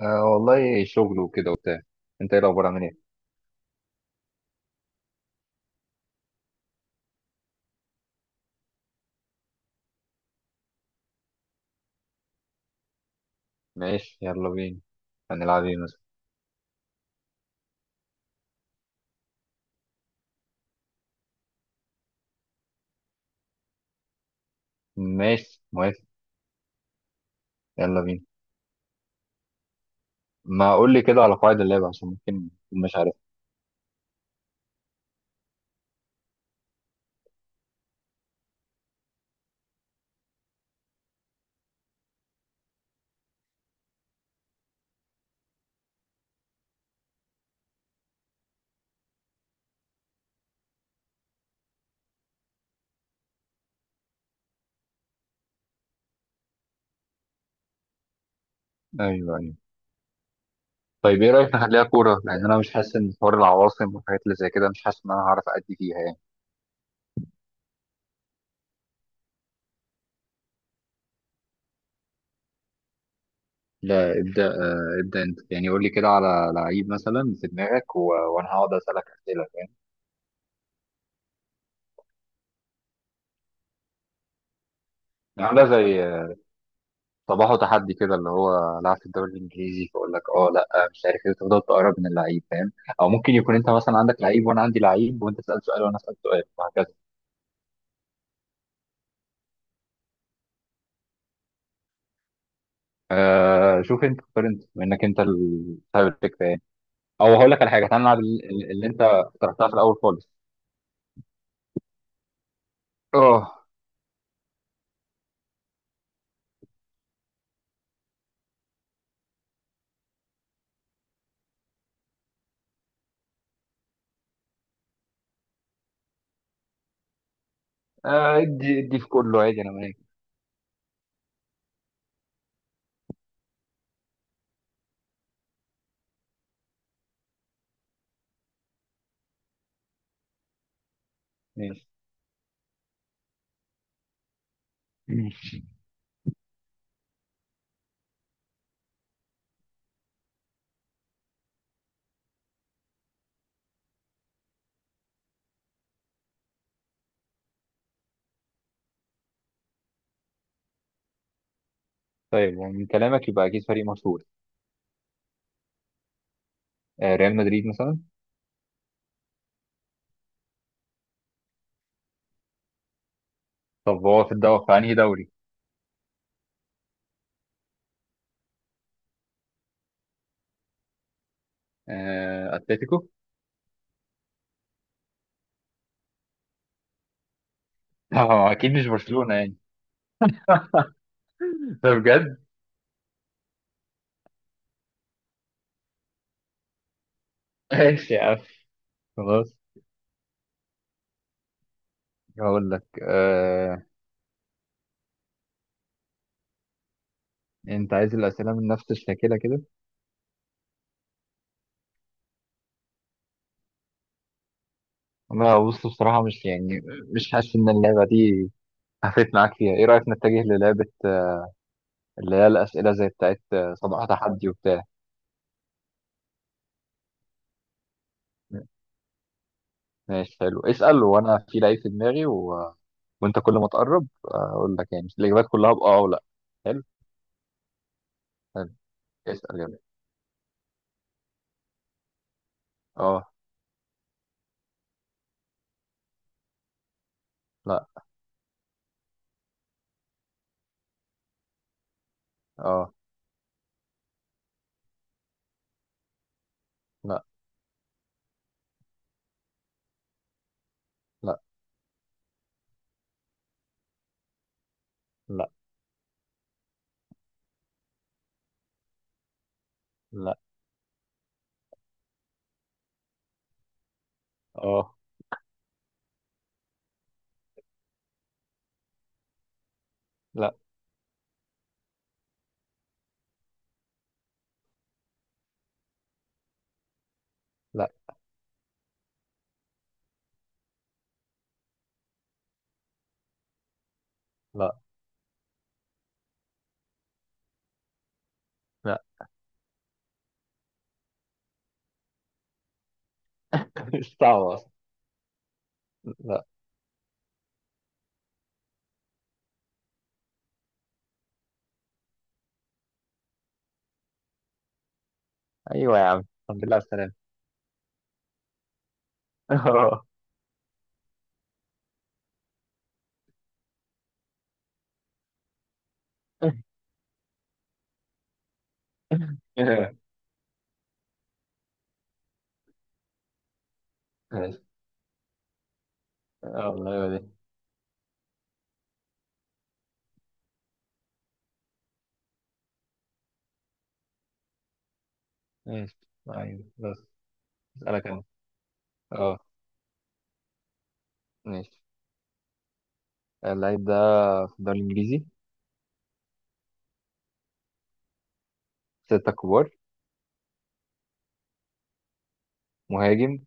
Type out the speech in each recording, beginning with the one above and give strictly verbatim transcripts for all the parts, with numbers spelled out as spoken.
آه والله شغل وكده وبتاع. انت ايه الاخبار، عامل ايه؟ ماشي يلا بينا. هنلعب ايه مثلا؟ ماشي موافق. يلا بينا. ما اقول لي كده على قواعد اللعبه عشان ممكن أكون مش عارف. ايوه ايوه. طيب ايه رايك نخليها كوره، لان انا مش حاسس ان حوار العواصم والحاجات اللي زي كده، مش حاسس ان انا هعرف ادي فيها يعني. لا ابدا، آه ابدا انت يعني. قول لي كده على لعيب مثلا في دماغك و... وانا هقعد اسالك اسئله، فاهم يعني. عامله زي صباحه تحدي كده، اللي هو لعب في الدوري الانجليزي، فاقول لك اه لا مش عارف ايه، تفضل تقرب من اللعيب، فاهم. او ممكن يكون انت مثلا عندك لعيب وانا عندي لعيب، وانت تسال سؤال وانا اسال سؤال وهكذا. آه شوف انت اختار، انت منك، انت ال- صاحب الفكره يعني. او هقول لك على حاجه، تعالى نلعب ال- ال- اللي انت اقترحتها في الاول خالص. اه. آه، ادي ادي في كله عادي، انا معاك. ماشي. ماشي. طيب ومن كلامك يبقى اكيد فريق مشهور. آه ريال مدريد مثلا. طب هو في الدوري، في انهي دوري؟ آه اتلتيكو؟ لا، هو اكيد مش برشلونه يعني. ده بجد. ماشي يا عم خلاص. هقول لك آه... انت عايز الاسئله من نفس الشاكله كده. انا بص بصراحه مش يعني، مش حاسس ان اللعبه دي هفت معاك فيها. ايه رايك نتجه للعبه آه، اللي هي الاسئله زي بتاعت آه، صباح تحدي وبتاع. ماشي حلو. اسال وانا في لعيب في دماغي، و... وانت كل ما تقرب آه، اقول لك يعني الاجابات كلها باه او لا. حلو. حلو. اسال يلا. اه. لا. اه. لا. لا. لا. لا. اه. لا. لا. لا. لا. مش صعبه اصلا. لا. ايوه يا عم الحمد لله على السلامه. اه. ماشي. اه والله هو دي. ماشي. ايوه بس. اسالك انا. اه. ماشي. اللعيب ده في الدوري الانجليزي. ستة كبار. مهاجم.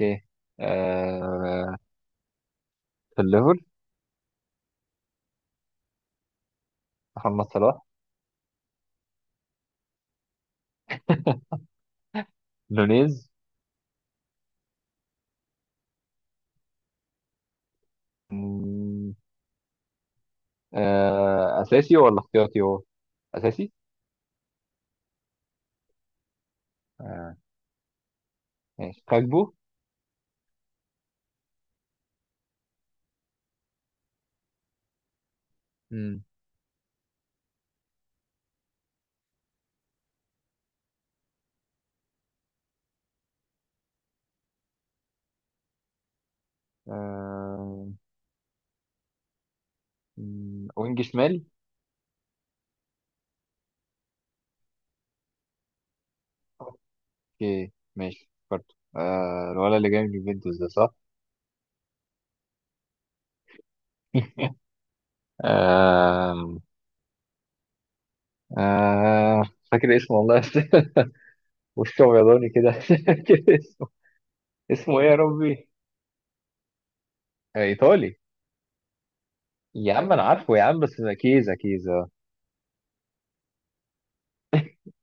اوكي. آه في الليفر. محمد صلاح. نونيز. مم، آه اساسي ولا احتياطي هو؟ اساسي. آه. ماشي كاجبو. مم، آه مم، وينج شمال. اوكي ماشي فكرت. آه الولد اللي جاي من اليوفنتوس ده، صح؟ آم، آه فاكر اسمه والله بس. وشه بيضاني كده. فاكر اسمه. اسمه ايه يا ربي؟ آه، ايطالي. يا عم انا عارفه يا عم، بس ده كيزا كيزا.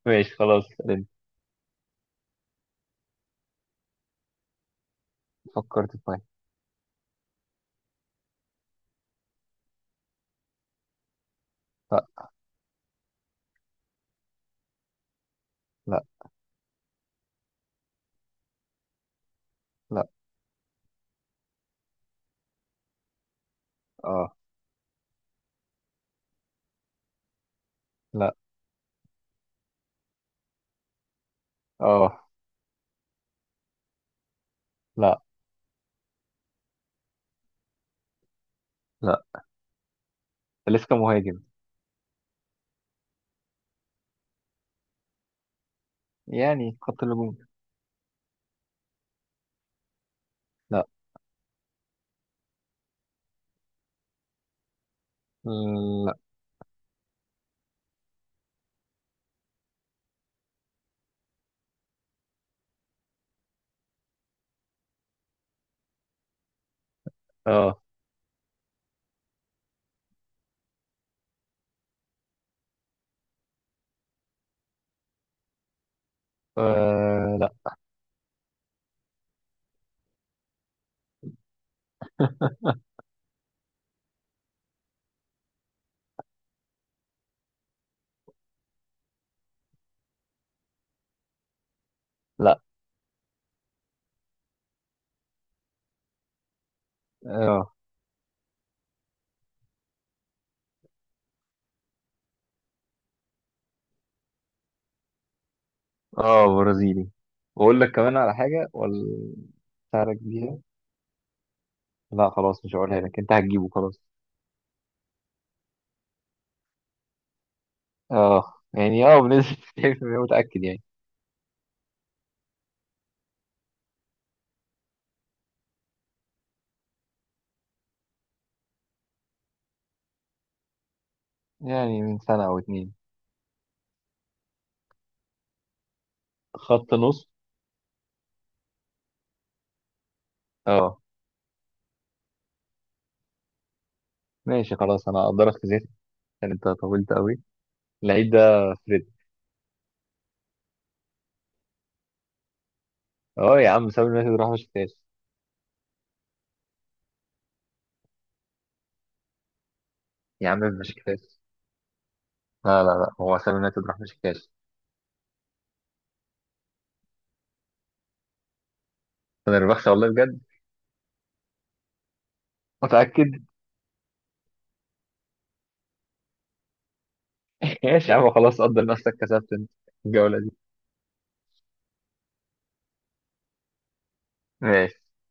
ماشي خلاص انت. فكرت في واحد. لا. لا. لا. اه. لا. اه. لا. لا. لسه مهاجم. يعني خط الهجوم. لا. لا. اه. آه، لا. لا. اه. اه برازيلي. بقول لك كمان على حاجة ولا ساعدك بيها؟ لا خلاص مش هقولها لك، انت هتجيبه خلاص. اه يعني اه بنسبة تسعين بالمية متأكد يعني. يعني من سنة أو اتنين. خط نص. اه. ماشي خلاص أنا أقدرك في زيت عشان أنت طولت أوي. اللعيب ده فريد. اه يا عم، سامي اليونايتد راح بشكتاش. يا عم في بشكتاش. لا لا لا، هو سامي اليونايتد راح بشكتاش. أنا ربحت والله بجد. متأكد. ماشي يا عم خلاص قدر نفسك، كسبت أنت الجولة دي. ماشي.